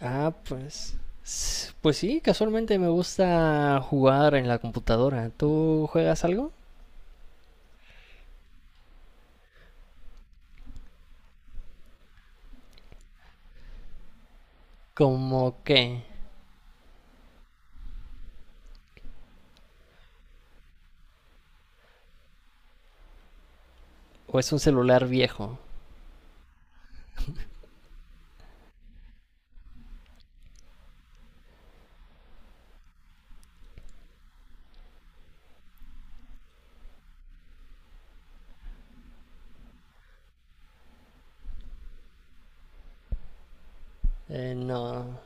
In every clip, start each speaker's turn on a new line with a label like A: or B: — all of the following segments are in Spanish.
A: Ah, pues. Pues sí, casualmente me gusta jugar en la computadora. ¿Tú juegas algo? ¿Cómo qué? ¿O es un celular viejo? No.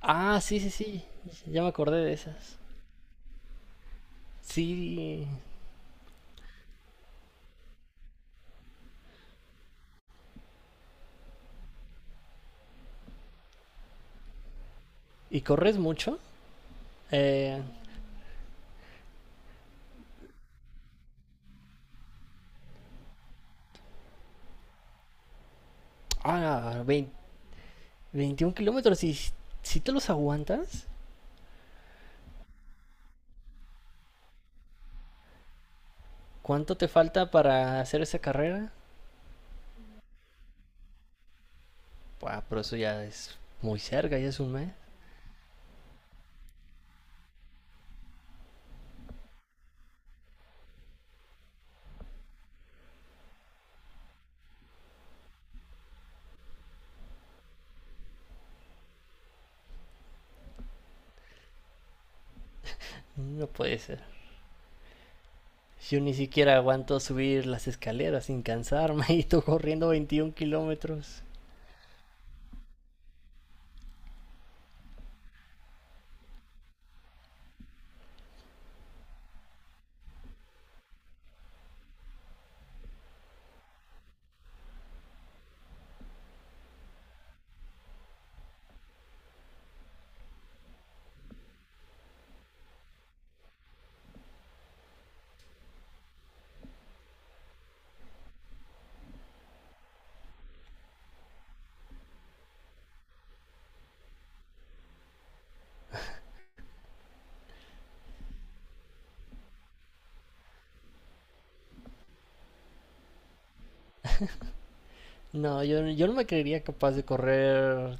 A: Ah, sí, sí, sí. Ya me acordé de esas. Sí. ¿Y corres mucho? Eh, ah, vein- 21 kilómetros. ¿Y si te los aguantas? ¿Cuánto te falta para hacer esa carrera? Buah, pero eso ya es muy cerca, ya es un mes. No puede ser. Yo ni siquiera aguanto subir las escaleras sin cansarme y tú corriendo 21 kilómetros. No, yo no me creería capaz de correr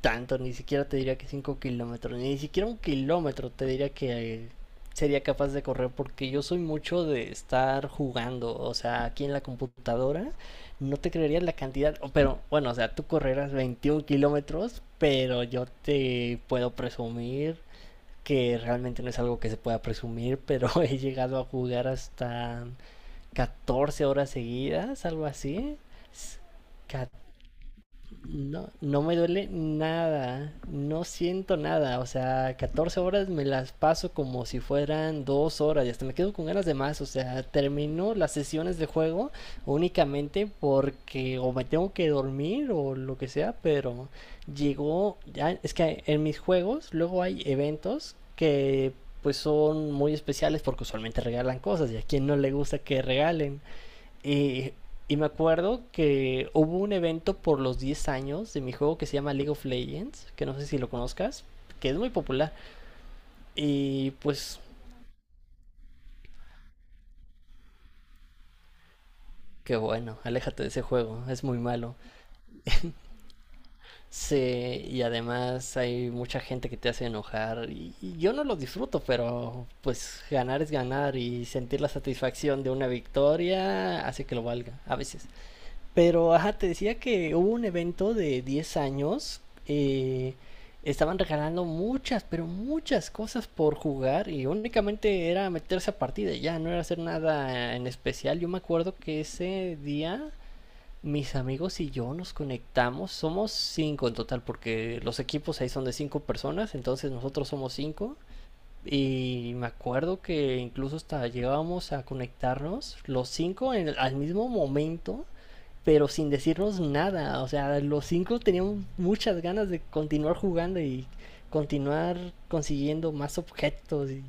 A: tanto, ni siquiera te diría que 5 kilómetros, ni siquiera un kilómetro te diría que sería capaz de correr porque yo soy mucho de estar jugando, o sea, aquí en la computadora no te creerías la cantidad, pero bueno, o sea, tú correrás 21 kilómetros, pero yo te puedo presumir que realmente no es algo que se pueda presumir, pero he llegado a jugar hasta 14 horas seguidas, algo así. No, no me duele nada, no siento nada, o sea, 14 horas me las paso como si fueran 2 horas y hasta me quedo con ganas de más, o sea, termino las sesiones de juego únicamente porque o me tengo que dormir o lo que sea, pero llegó, ya, es que en mis juegos luego hay eventos que pues son muy especiales porque usualmente regalan cosas y a quien no le gusta que regalen. Y, y me acuerdo que hubo un evento por los 10 años de mi juego que se llama League of Legends, que no sé si lo conozcas, que es muy popular. Y pues, qué bueno, aléjate de ese juego, es muy malo. Sí, y además hay mucha gente que te hace enojar. Y yo no lo disfruto, pero pues ganar es ganar y sentir la satisfacción de una victoria hace que lo valga, a veces. Pero, ajá, te decía que hubo un evento de 10 años. eh, estaban regalando muchas, pero muchas cosas por jugar y únicamente era meterse a partida, ya no era hacer nada en especial. Yo me acuerdo que ese día mis amigos y yo nos conectamos, somos 5 en total, porque los equipos ahí son de 5 personas, entonces nosotros somos cinco. Y me acuerdo que incluso hasta llegábamos a conectarnos los cinco al mismo momento pero sin decirnos nada. O sea, los cinco teníamos muchas ganas de continuar jugando y continuar consiguiendo más objetos y,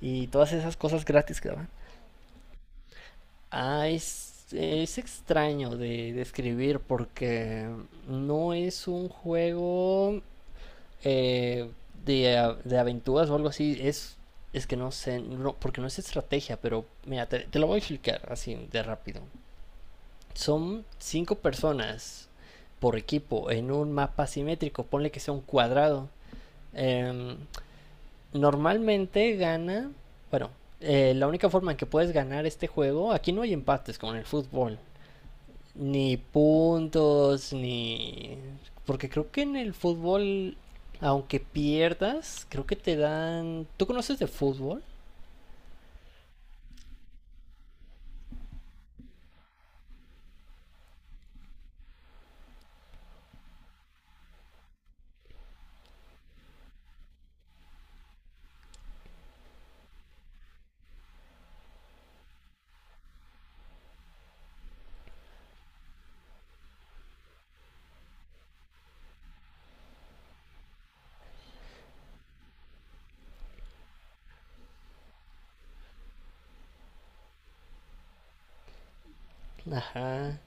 A: y todas esas cosas gratis que daban. Ah, es extraño de describir porque no es un juego eh, de aventuras o algo así. Es que no sé, no, porque no es estrategia, pero mira, te lo voy a explicar así de rápido. Son cinco personas por equipo en un mapa simétrico, ponle que sea un cuadrado, eh, normalmente gana, bueno, la única forma en que puedes ganar este juego, aquí no hay empates como en el fútbol, ni puntos, ni... Porque creo que en el fútbol, aunque pierdas, creo que te dan... ¿Tú conoces de fútbol? Ajá.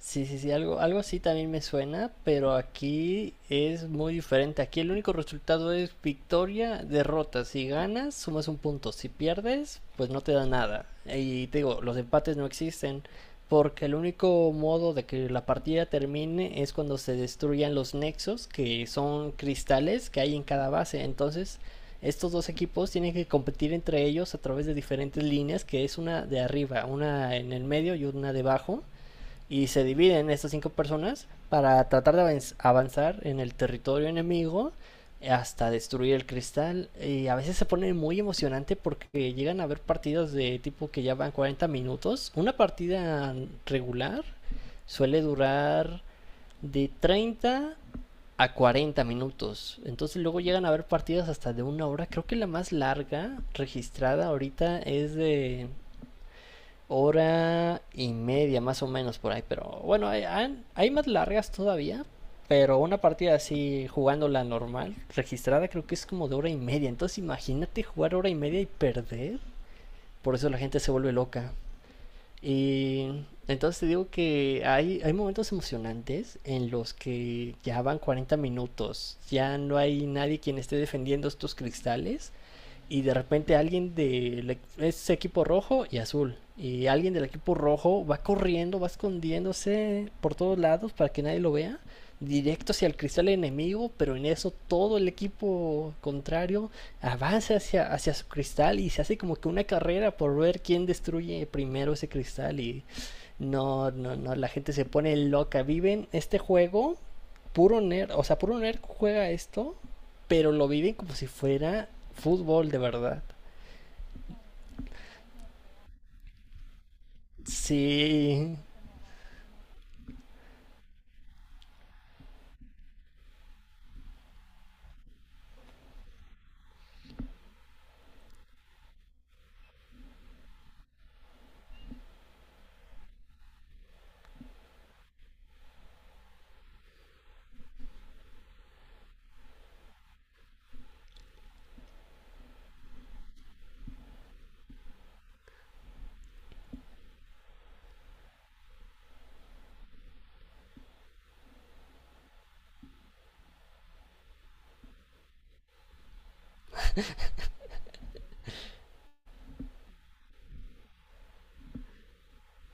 A: Sí, sí, sí, algo así también me suena, pero aquí es muy diferente. Aquí el único resultado es victoria, derrota. Si ganas, sumas un punto. Si pierdes, pues no te da nada. Y te digo, los empates no existen, porque el único modo de que la partida termine es cuando se destruyan los nexos, que son cristales que hay en cada base. Entonces, estos dos equipos tienen que competir entre ellos a través de diferentes líneas, que es una de arriba, una en el medio y una debajo y se dividen estas cinco personas para tratar de avanzar en el territorio enemigo hasta destruir el cristal y a veces se pone muy emocionante porque llegan a haber partidas de tipo que ya van 40 minutos. Una partida regular suele durar de 30 a 40 minutos. Entonces luego llegan a haber partidas hasta de una hora. Creo que la más larga registrada ahorita es de hora y media más o menos por ahí, pero bueno, hay más largas todavía, pero una partida así jugándola normal, registrada creo que es como de hora y media, entonces imagínate jugar hora y media y perder, por eso la gente se vuelve loca. Y entonces te digo que hay momentos emocionantes en los que ya van 40 minutos, ya no hay nadie quien esté defendiendo estos cristales y de repente alguien del ese equipo rojo y azul y alguien del equipo rojo va corriendo, va escondiéndose por todos lados para que nadie lo vea, directo hacia el cristal enemigo, pero en eso todo el equipo contrario avanza hacia su cristal y se hace como que una carrera por ver quién destruye primero ese cristal y no, no, no, la gente se pone loca, viven este juego, puro nerd, o sea, puro nerd juega esto pero lo viven como si fuera fútbol de verdad. Sí,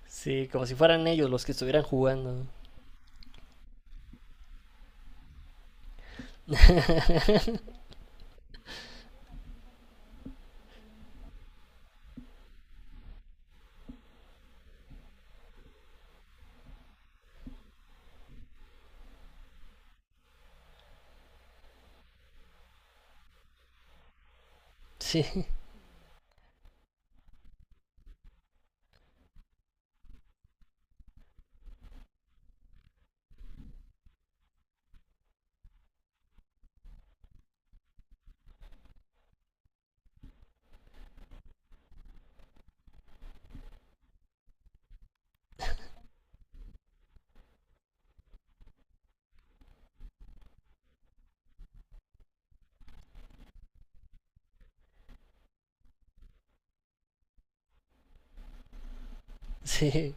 A: sí, como si fueran ellos los que estuvieran jugando. Sí, sí,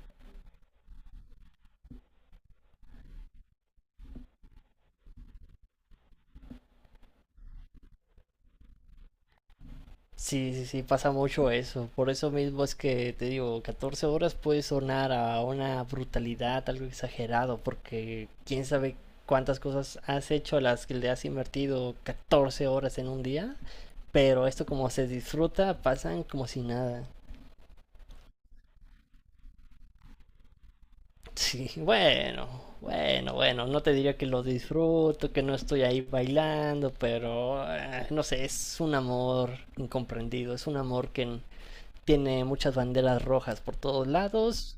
A: sí, sí, sí, pasa mucho eso. Por eso mismo es que te digo, 14 horas puede sonar a una brutalidad, algo exagerado, porque quién sabe cuántas cosas has hecho a las que le has invertido 14 horas en un día, pero esto como se disfruta, pasan como si nada. Sí, bueno, bueno, bueno, no te diría que lo disfruto, que no estoy ahí bailando, pero no sé, es un amor incomprendido, es un amor que tiene muchas banderas rojas por todos lados.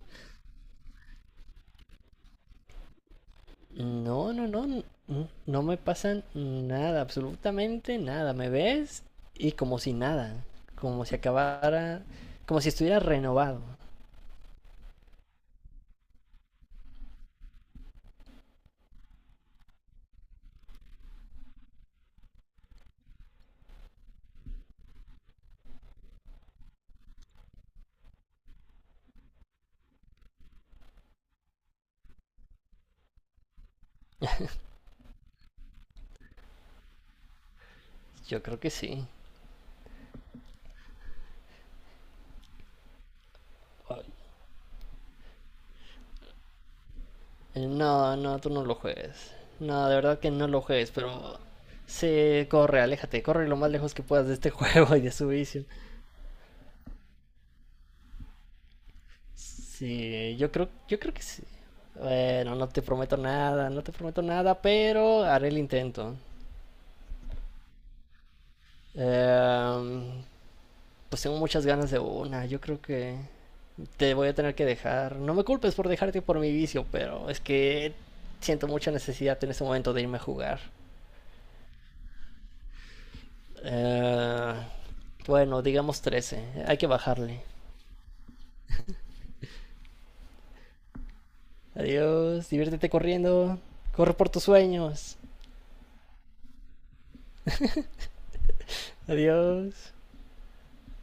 A: No, no, no, no me pasan nada, absolutamente nada, ¿me ves? Y como si nada, como si acabara, como si estuviera renovado. Yo creo que sí. No, no, tú no lo juegues. No, de verdad que no lo juegues, pero sí, corre, aléjate, corre lo más lejos que puedas de este juego y de su vicio. Sí, yo creo que sí. Bueno, no te prometo nada, no te prometo nada, pero haré el intento. Em, pues tengo muchas ganas de una, yo creo que te voy a tener que dejar. No me culpes por dejarte por mi vicio, pero es que siento mucha necesidad en este momento de irme a jugar. Eh, bueno, digamos 13. Hay que bajarle. Adiós. Diviértete corriendo. Corre por tus sueños. Adiós.